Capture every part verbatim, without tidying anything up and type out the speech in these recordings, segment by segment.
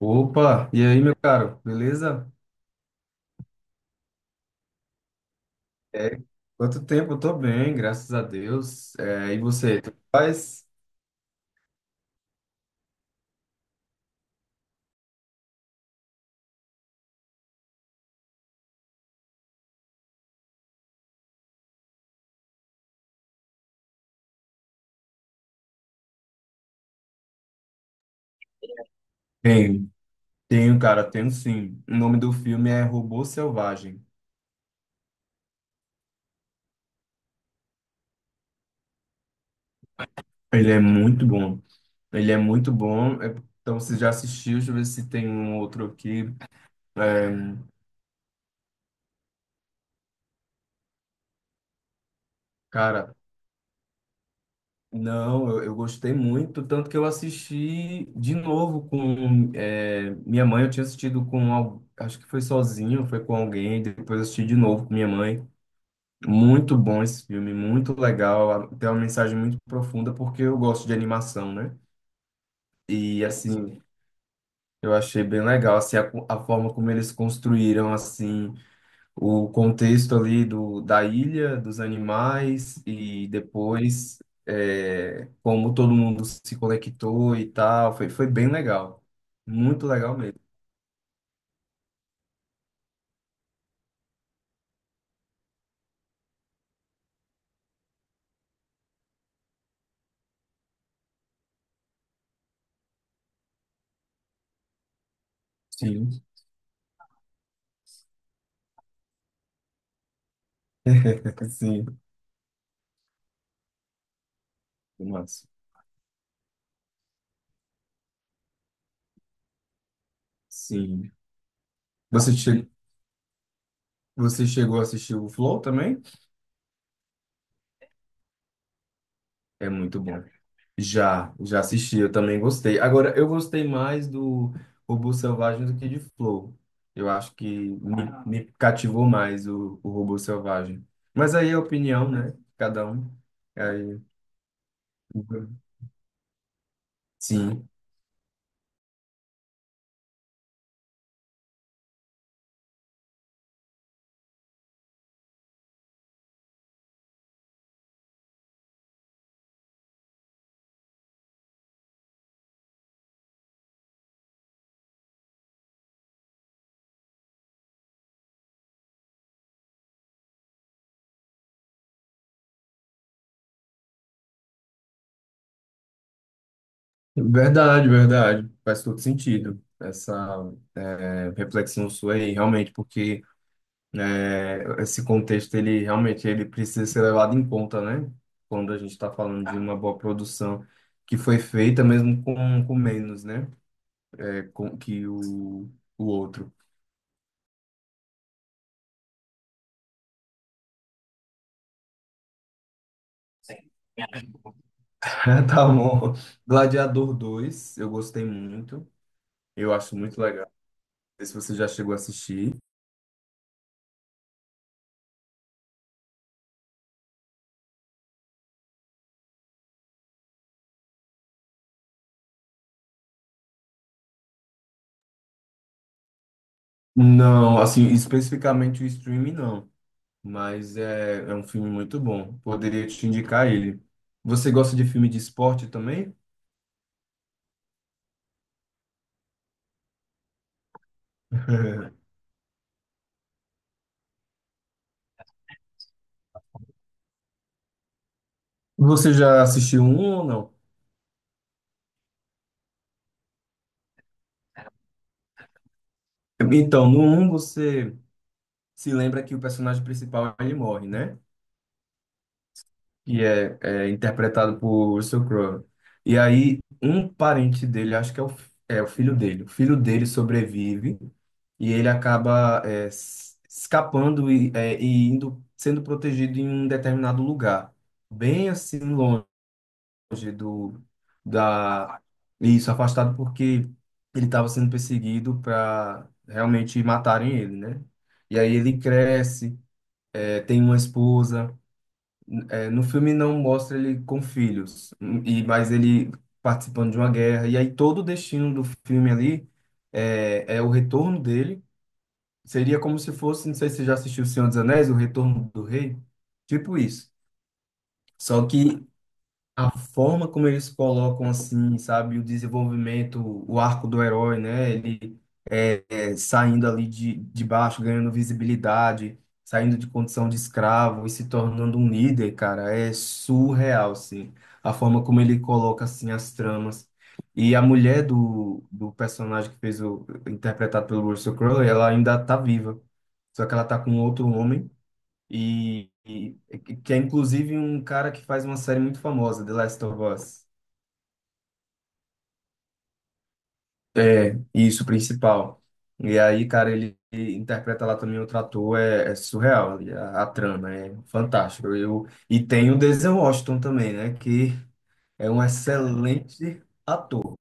Opa, e aí, meu caro, beleza? É, quanto tempo? Eu tô bem, graças a Deus. É, e você, tu faz? Bem, tenho, cara, tenho sim. O nome do filme é Robô Selvagem. Ele é muito bom. Ele é muito bom. É, então, você já assistiu? Deixa eu ver se tem um outro aqui. É, cara, não, eu, eu gostei muito, tanto que eu assisti de novo com é, minha mãe. Eu tinha assistido com, al- acho que foi sozinho, foi com alguém, depois eu assisti de novo com minha mãe. Muito bom esse filme, muito legal. Tem uma mensagem muito profunda, porque eu gosto de animação, né? E, assim, eu achei bem legal, assim, a, co- a forma como eles construíram, assim, o contexto ali do, da ilha, dos animais, e depois é, como todo mundo se conectou e tal. Foi, foi bem legal. Muito legal mesmo. Sim, sim, massa. Sim. Você, che Você chegou a assistir o Flow também? É muito bom. Já, já assisti, eu também gostei. Agora, eu gostei mais do Robô Selvagem do que de Flow. Eu acho que me, Ah. me cativou mais o, o Robô Selvagem. Mas aí é opinião, né? Cada um. Aí, sim. Verdade, verdade. Faz todo sentido essa é, reflexão sua aí, realmente, porque. É, Esse contexto, ele realmente ele precisa ser levado em conta, né? Quando a gente está falando de uma boa produção que foi feita mesmo com, com menos, né? É, com, que o, o outro. Tá bom. Gladiador dois eu gostei muito. Eu acho muito legal. Não sei se você já chegou a assistir. Não, assim, especificamente o streaming, não. Mas é, é um filme muito bom. Poderia te indicar ele. Você gosta de filme de esporte também? Você já assistiu um ou não? Então, no um você se lembra que o personagem principal ele morre, né? E é, é interpretado por Russell Crowe. E aí, um parente dele, acho que é o, fi- é o filho dele, o filho dele sobrevive e ele acaba é, s- escapando e, é, e indo, sendo protegido em um determinado lugar, bem assim longe longe do da isso afastado porque ele estava sendo perseguido para realmente matarem ele, né? E aí ele cresce, eh, tem uma esposa. N- eh, no filme não mostra ele com filhos, hum, e mas ele participando de uma guerra. E aí todo o destino do filme ali é, é o retorno dele. Seria como se fosse, não sei se você já assistiu O Senhor dos Anéis, O Retorno do Rei, tipo isso. Só que a forma como eles colocam, assim, sabe, o desenvolvimento, o arco do herói, né? Ele é, é, saindo ali de, de baixo, ganhando visibilidade, saindo de condição de escravo e se tornando um líder, cara, é surreal, assim. A forma como ele coloca, assim, as tramas. E a mulher do, do personagem que fez o, interpretado pelo Russell Crowe, ela ainda tá viva. Só que ela tá com outro homem. E, e- que é inclusive um cara que faz uma série muito famosa, The Last of Us. É, isso, o principal. E aí, cara, ele interpreta lá também outro ator, é, é surreal, e a, a trama é fantástica. Eu, e tem o Denzel Washington também, né, que é um excelente ator.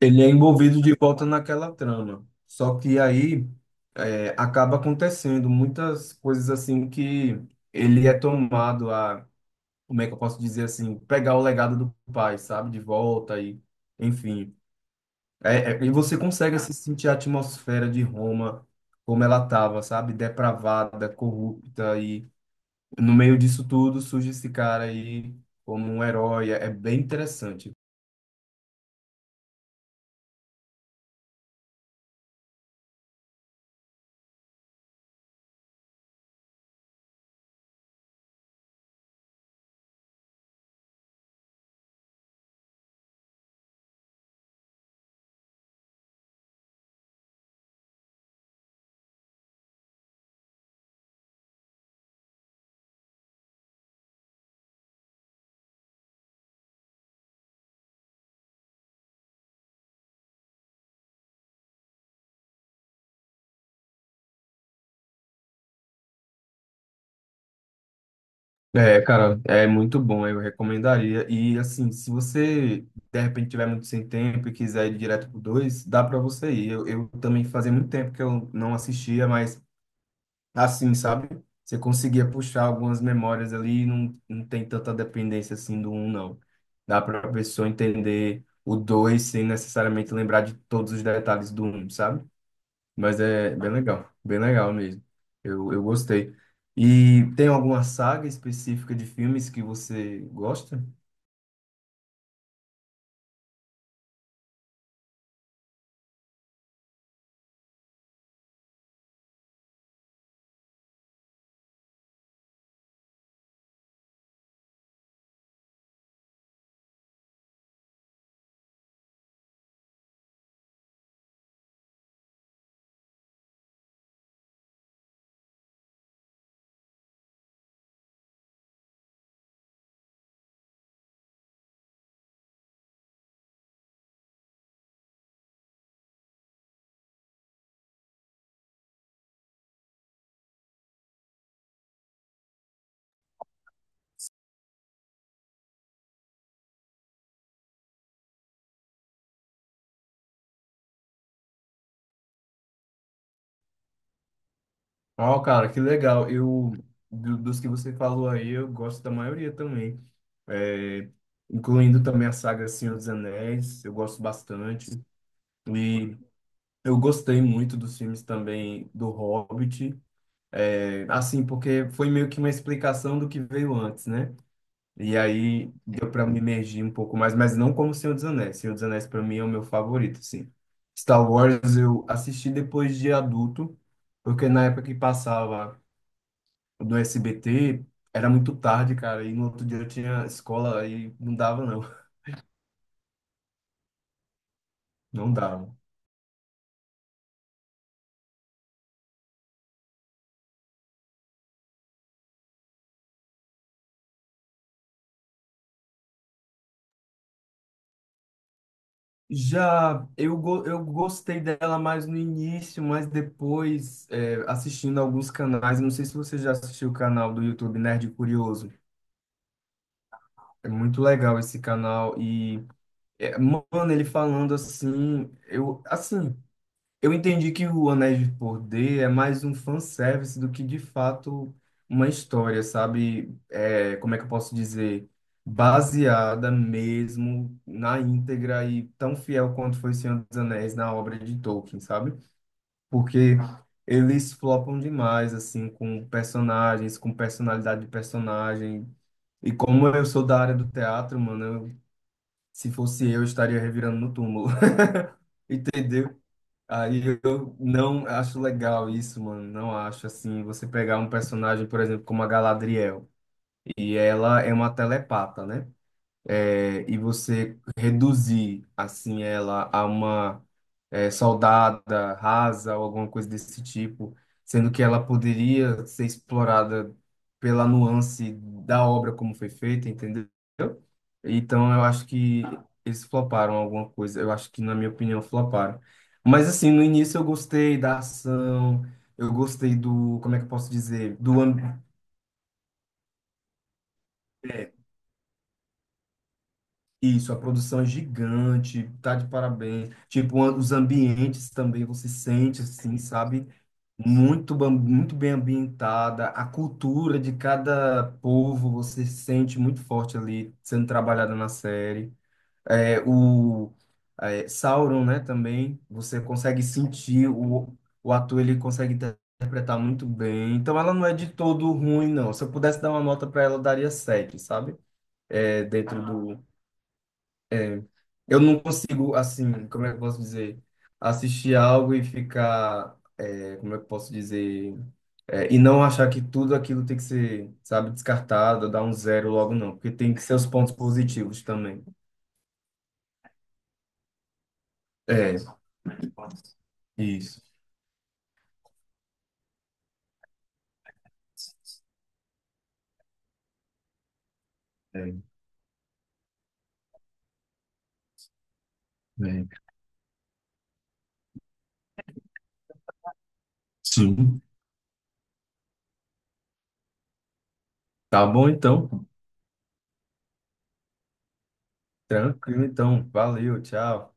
Ele é envolvido de volta naquela trama. Só que aí é, acaba acontecendo muitas coisas assim que ele é tomado a como é que eu posso dizer assim, pegar o legado do pai, sabe, de volta e, enfim. É, é- e você consegue assim, sentir a atmosfera de Roma como ela tava, sabe, depravada, corrupta e no meio disso tudo surge esse cara aí como um herói. É, é bem interessante. É, cara, é muito bom, eu recomendaria. E assim, se você de repente tiver muito sem tempo e quiser ir direto pro dois dá pra você ir. Eu, eu também fazia muito tempo que eu não assistia, mas assim, sabe? Você conseguia puxar algumas memórias ali, e não, não tem tanta dependência assim do um, não. Dá para a pessoa entender o dois sem necessariamente lembrar de todos os detalhes do um, sabe? Mas é bem legal, bem legal mesmo. Eu, eu gostei. E tem alguma saga específica de filmes que você gosta? Ó, cara, que legal. Eu, do- dos que você falou aí, eu gosto da maioria também. É, Incluindo também a saga Senhor dos Anéis, eu gosto bastante. E eu gostei muito dos filmes também do Hobbit, é, assim, porque foi meio que uma explicação do que veio antes, né? E aí deu para me imergir um pouco mais, mas não como Senhor dos Anéis. Senhor dos Anéis para mim é o meu favorito, sim. Star Wars eu assisti depois de adulto, porque na época que passava do S B T era muito tarde, cara, e no outro dia eu tinha escola e não dava não, não dava. Já eu, go- eu gostei dela mais no início, mas depois, é, assistindo alguns canais, não sei se você já assistiu o canal do YouTube Nerd Curioso. É muito legal esse canal e, é, mano, ele falando assim, eu, assim, eu entendi que o Anéis de Poder é mais um fanservice do que de fato uma história, sabe? É, como é que eu posso dizer? Baseada mesmo na íntegra e tão fiel quanto foi Senhor dos Anéis na obra de Tolkien, sabe? Porque eles flopam demais, assim, com personagens, com personalidade de personagem. E como eu sou da área do teatro, mano, eu- se fosse eu, eu estaria revirando no túmulo, entendeu? Aí eu não acho legal isso, mano. Não acho assim. Você pegar um personagem, por exemplo, como a Galadriel, e ela é uma telepata, né? É, e você reduzir assim ela a uma é, soldada rasa ou alguma coisa desse tipo, sendo que ela poderia ser explorada pela nuance da obra como foi feita, entendeu? Então eu acho que eles floparam alguma coisa. Eu acho que, na minha opinião, floparam. Mas assim, no início eu gostei da ação, eu gostei do, como é que eu posso dizer? Do am- isso, a produção é gigante, tá de parabéns. Tipo, a- os ambientes também você sente assim, sabe? Muito, bam- muito bem ambientada, a cultura de cada povo você sente muito forte ali sendo trabalhada na série. É, o é, Sauron, né, também, você consegue sentir, o, o ator ele consegue inter- interpretar muito bem. Então ela não é de todo ruim, não. Se eu pudesse dar uma nota para ela, eu daria sete, sabe? É, dentro do... Eu não consigo, assim, como é que eu posso dizer? Assistir algo e ficar... é, como é que eu posso dizer? É, e não achar que tudo aquilo tem que ser, sabe, descartado, dar um zero logo, não. Porque tem que ser os pontos positivos também. É, isso. É. Sim. Tá bom, então. Tranquilo, então. Valeu, tchau.